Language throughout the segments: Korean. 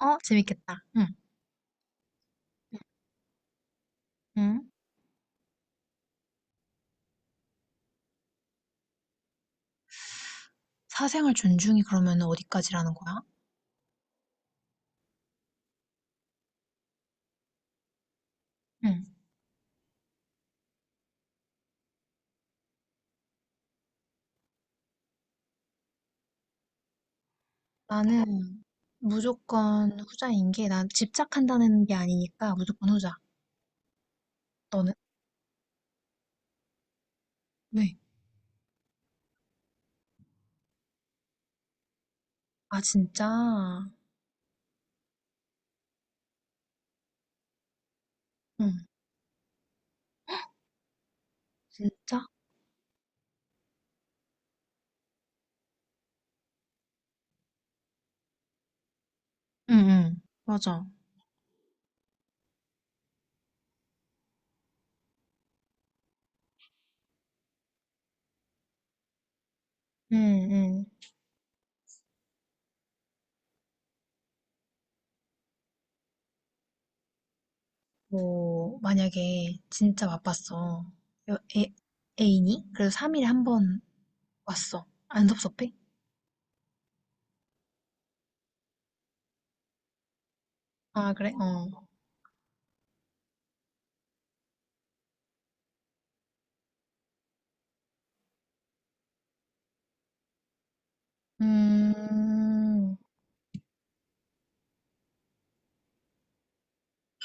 어, 재밌겠다. 응. 응. 사생활 존중이 그러면 어디까지라는 거야? 응. 나는 무조건 후자인 게, 난 집착한다는 게 아니니까 무조건 후자. 너는? 왜? 아, 진짜? 응. 진짜? 응, 응. 맞아. 응, 응. 뭐, 만약에 진짜 바빴어. 여- 애, 애인이? 그래도 3일에 한 번 왔어. 안 섭섭해? 아, 그래? 어. 음,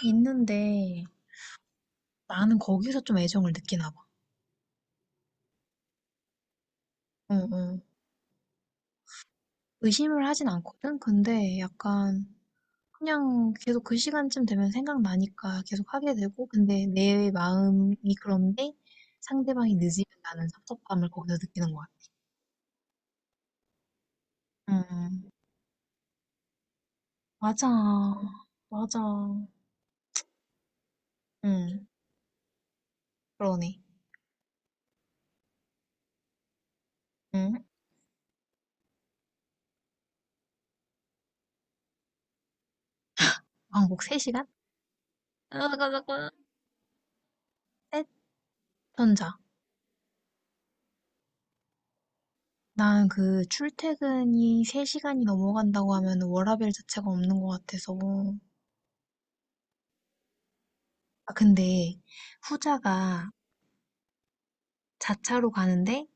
있는데, 나는 거기서 좀 애정을 느끼나 봐. 응, 응. 의심을 하진 않거든? 근데 약간 그냥 계속 그 시간쯤 되면 생각나니까 계속 하게 되고, 근데 내 마음이 그런데 상대방이 늦으면 나는 섭섭함을 거기서 느끼는 거야. 응, 맞아. 맞아. 응, 그러네. 응? 왕복 3시간? 아, 잠깐, 잠깐. 셋, 전자. 난 그 출퇴근이 3시간이 넘어간다고 하면 워라밸 자체가 없는 것 같아서. 아, 근데 후자가 자차로 가는데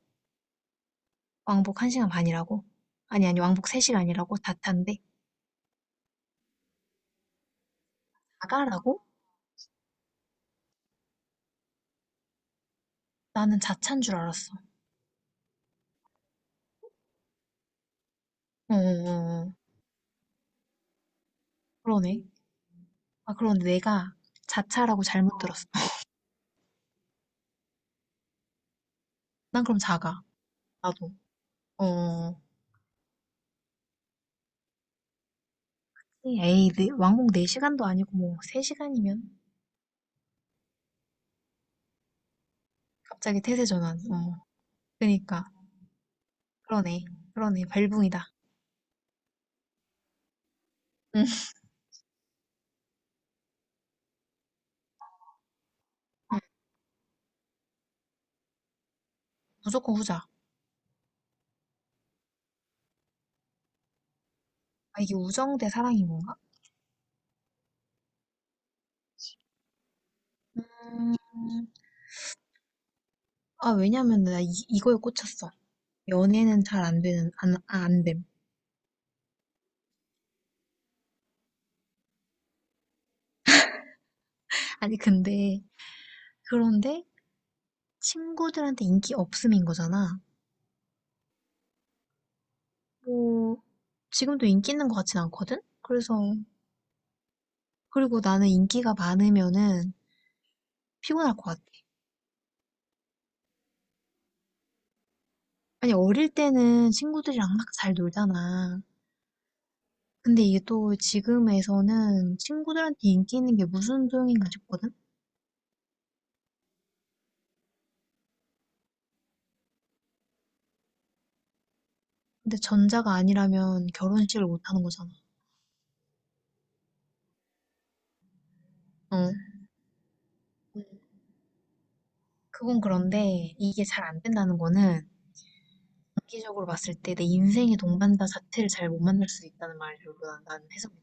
왕복 1시간 반이라고? 아니, 아니, 왕복 3시간이라고? 자차인데? 자가라고? 나는 자차인 줄 알았어. 어, 어, 어, 어. 그러네. 아, 그런데 내가 자차라고 잘못 들었어. 난 그럼 자가. 나도. 어, 어. 에이, 네, 왕복 4시간도 아니고 뭐 3시간이면? 갑자기 태세 전환. 어, 그니까. 그러네. 그러네. 발붕이다. 응, 무조건 후자. 아, 이게 우정 대 사랑인 건가? 음, 아, 왜냐면 나 이거에 꽂혔어. 연애는 잘 안 되는 안 됨. 아니 근데 그런데 친구들한테 인기 없음인 거잖아. 뭐 지금도 인기 있는 것 같진 않거든. 그래서 그리고 나는 인기가 많으면은 피곤할 것 같아. 아니 어릴 때는 친구들이랑 막 잘 놀잖아. 근데 이게 또 지금에서는 친구들한테 인기 있는 게 무슨 소용인가 싶거든. 근데 전자가 아니라면 결혼식을 못 하는 거잖아. 어. 음, 그건 그런데 이게 잘 안 된다는 거는 장기적으로 봤을 때 내 인생의 동반자 자체를 잘 못 만날 수도 있다는 말로는 나는 해석이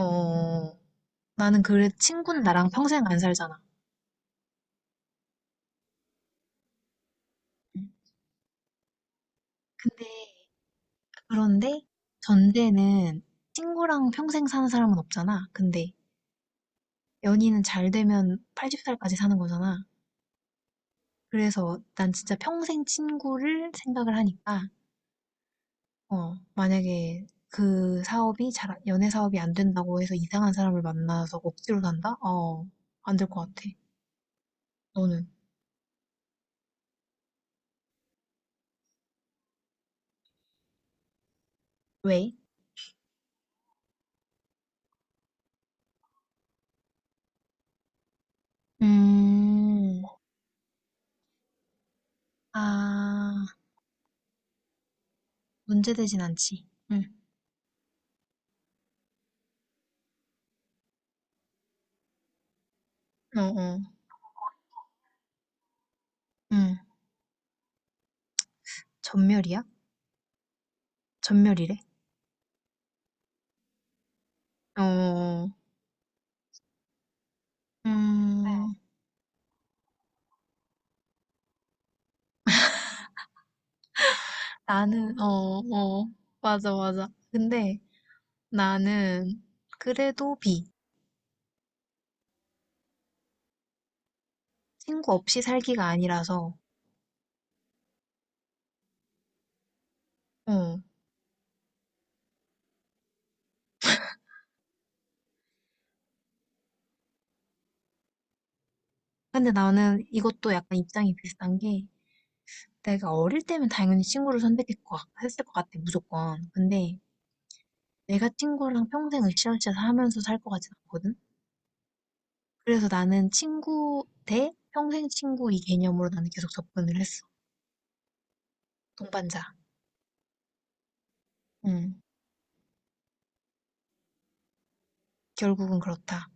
어, 나는 그래, 친구는 나랑 평생 안 살잖아. 응. 근데, 그런데 전제는 친구랑 평생 사는 사람은 없잖아. 근데 연인은 잘 되면 80살까지 사는 거잖아. 그래서 난 진짜 평생 친구를 생각을 하니까, 만약에 그 연애 사업이 안 된다고 해서 이상한 사람을 만나서 억지로 산다? 어, 안 될 것 같아. 너는? 왜? 음, 아, 문제되진 않지. 응, 어, 어, 응. 전멸이야? 전멸이래? 어. 음, 나는, 어, 맞아, 맞아. 근데 나는 그래도 B. 친구 없이 살기가 아니라서, 어. 근데 나는 이것도 약간 입장이 비슷한 게, 내가 어릴 때면 당연히 친구를 선택했을 것 같, 했을 것 같아, 무조건. 근데 내가 친구랑 평생 으쌰으쌰 하면서 살 것 같진 않거든? 그래서 나는 친구 대 평생 친구 이 개념으로 나는 계속 접근을 했어. 동반자. 음, 결국은 그렇다.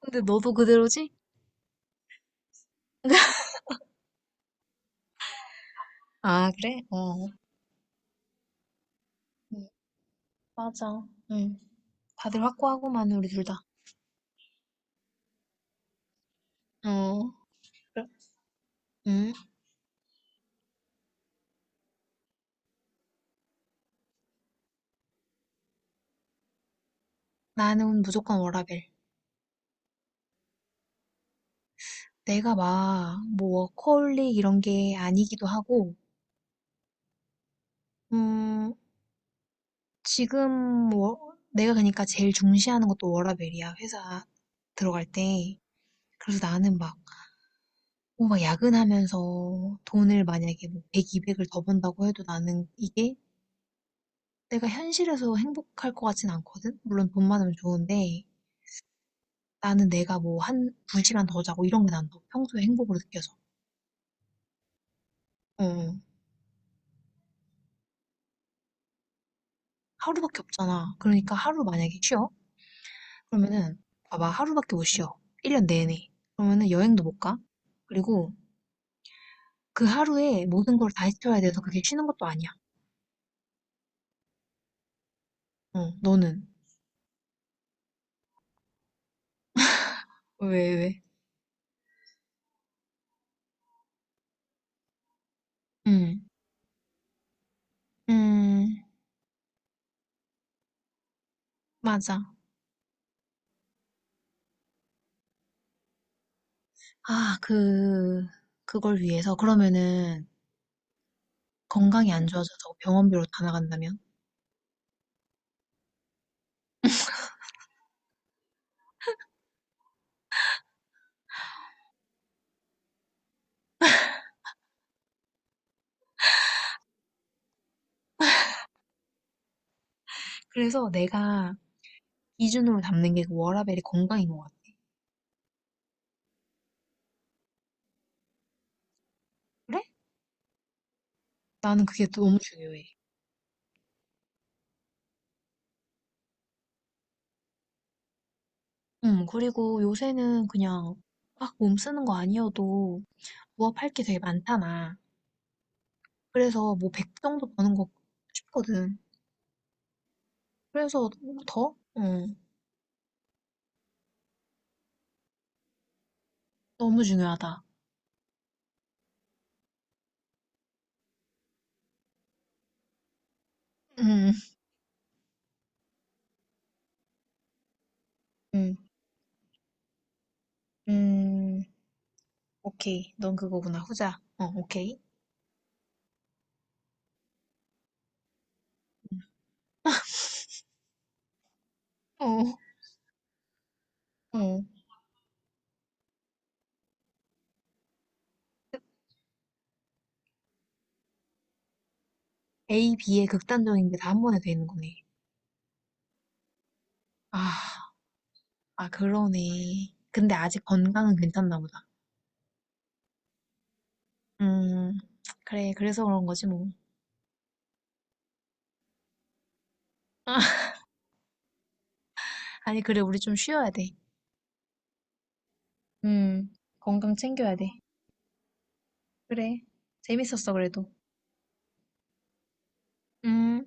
근데 너도 그대로지? 아, 그래? 어. 음, 맞아. 음. 다들 확고하고만 우리 둘 다. 어. 그래? 음. 나는 무조건 워라밸. 내가 막, 뭐, 워커홀릭 이런 게 아니기도 하고, 음, 지금 내가 그러니까 제일 중시하는 것도 워라밸이야. 회사 들어갈 때. 그래서 나는 막, 뭐 막 야근하면서 돈을 만약에 뭐 100, 200을 더 번다고 해도 나는 이게 내가 현실에서 행복할 것 같진 않거든? 물론 돈 많으면 좋은데 나는 내가 뭐 한 2시간 더 자고 이런 게 난다고 평소에 행복으로 느껴져. 어. 어. 하루밖에 없잖아. 그러니까 하루 만약에 쉬어? 그러면은 봐봐 하루밖에 못 쉬어. 1년 내내. 그러면은 여행도 못 가. 그리고 그 하루에 모든 걸 다 해쳐야 돼서 그게 쉬는 것도 아니야. 어, 너는? 왜, 왜? 응, 음, 맞아. 아 그걸 위해서 그러면은 건강이 안 좋아져서 병원비로 다 나간다면? 그래서 내가 기준으로 잡는 게 그 워라밸이 건강인 것 같아. 그래? 나는 그게 너무 중요해. 그리고 요새는 그냥 막 몸 쓰는 거 아니어도 부업할 게 되게 많잖아. 그래서 뭐 100 정도 버는 거 싶거든. 그래서 더? 응, 너무 중요하다. 음, 음, 음, 오케이. 넌 그거구나. 후자. 어, 오케이. 어, 어. A, B의 극단적인 게 다 한 번에 되는 거네. 아, 아, 그러네. 근데 아직 건강은 괜찮나 보다. 음, 그래, 그래서 그런 거지, 뭐. 아니, 그래, 우리 좀 쉬어야 돼. 음, 건강 챙겨야 돼. 그래, 재밌었어, 그래도. 음.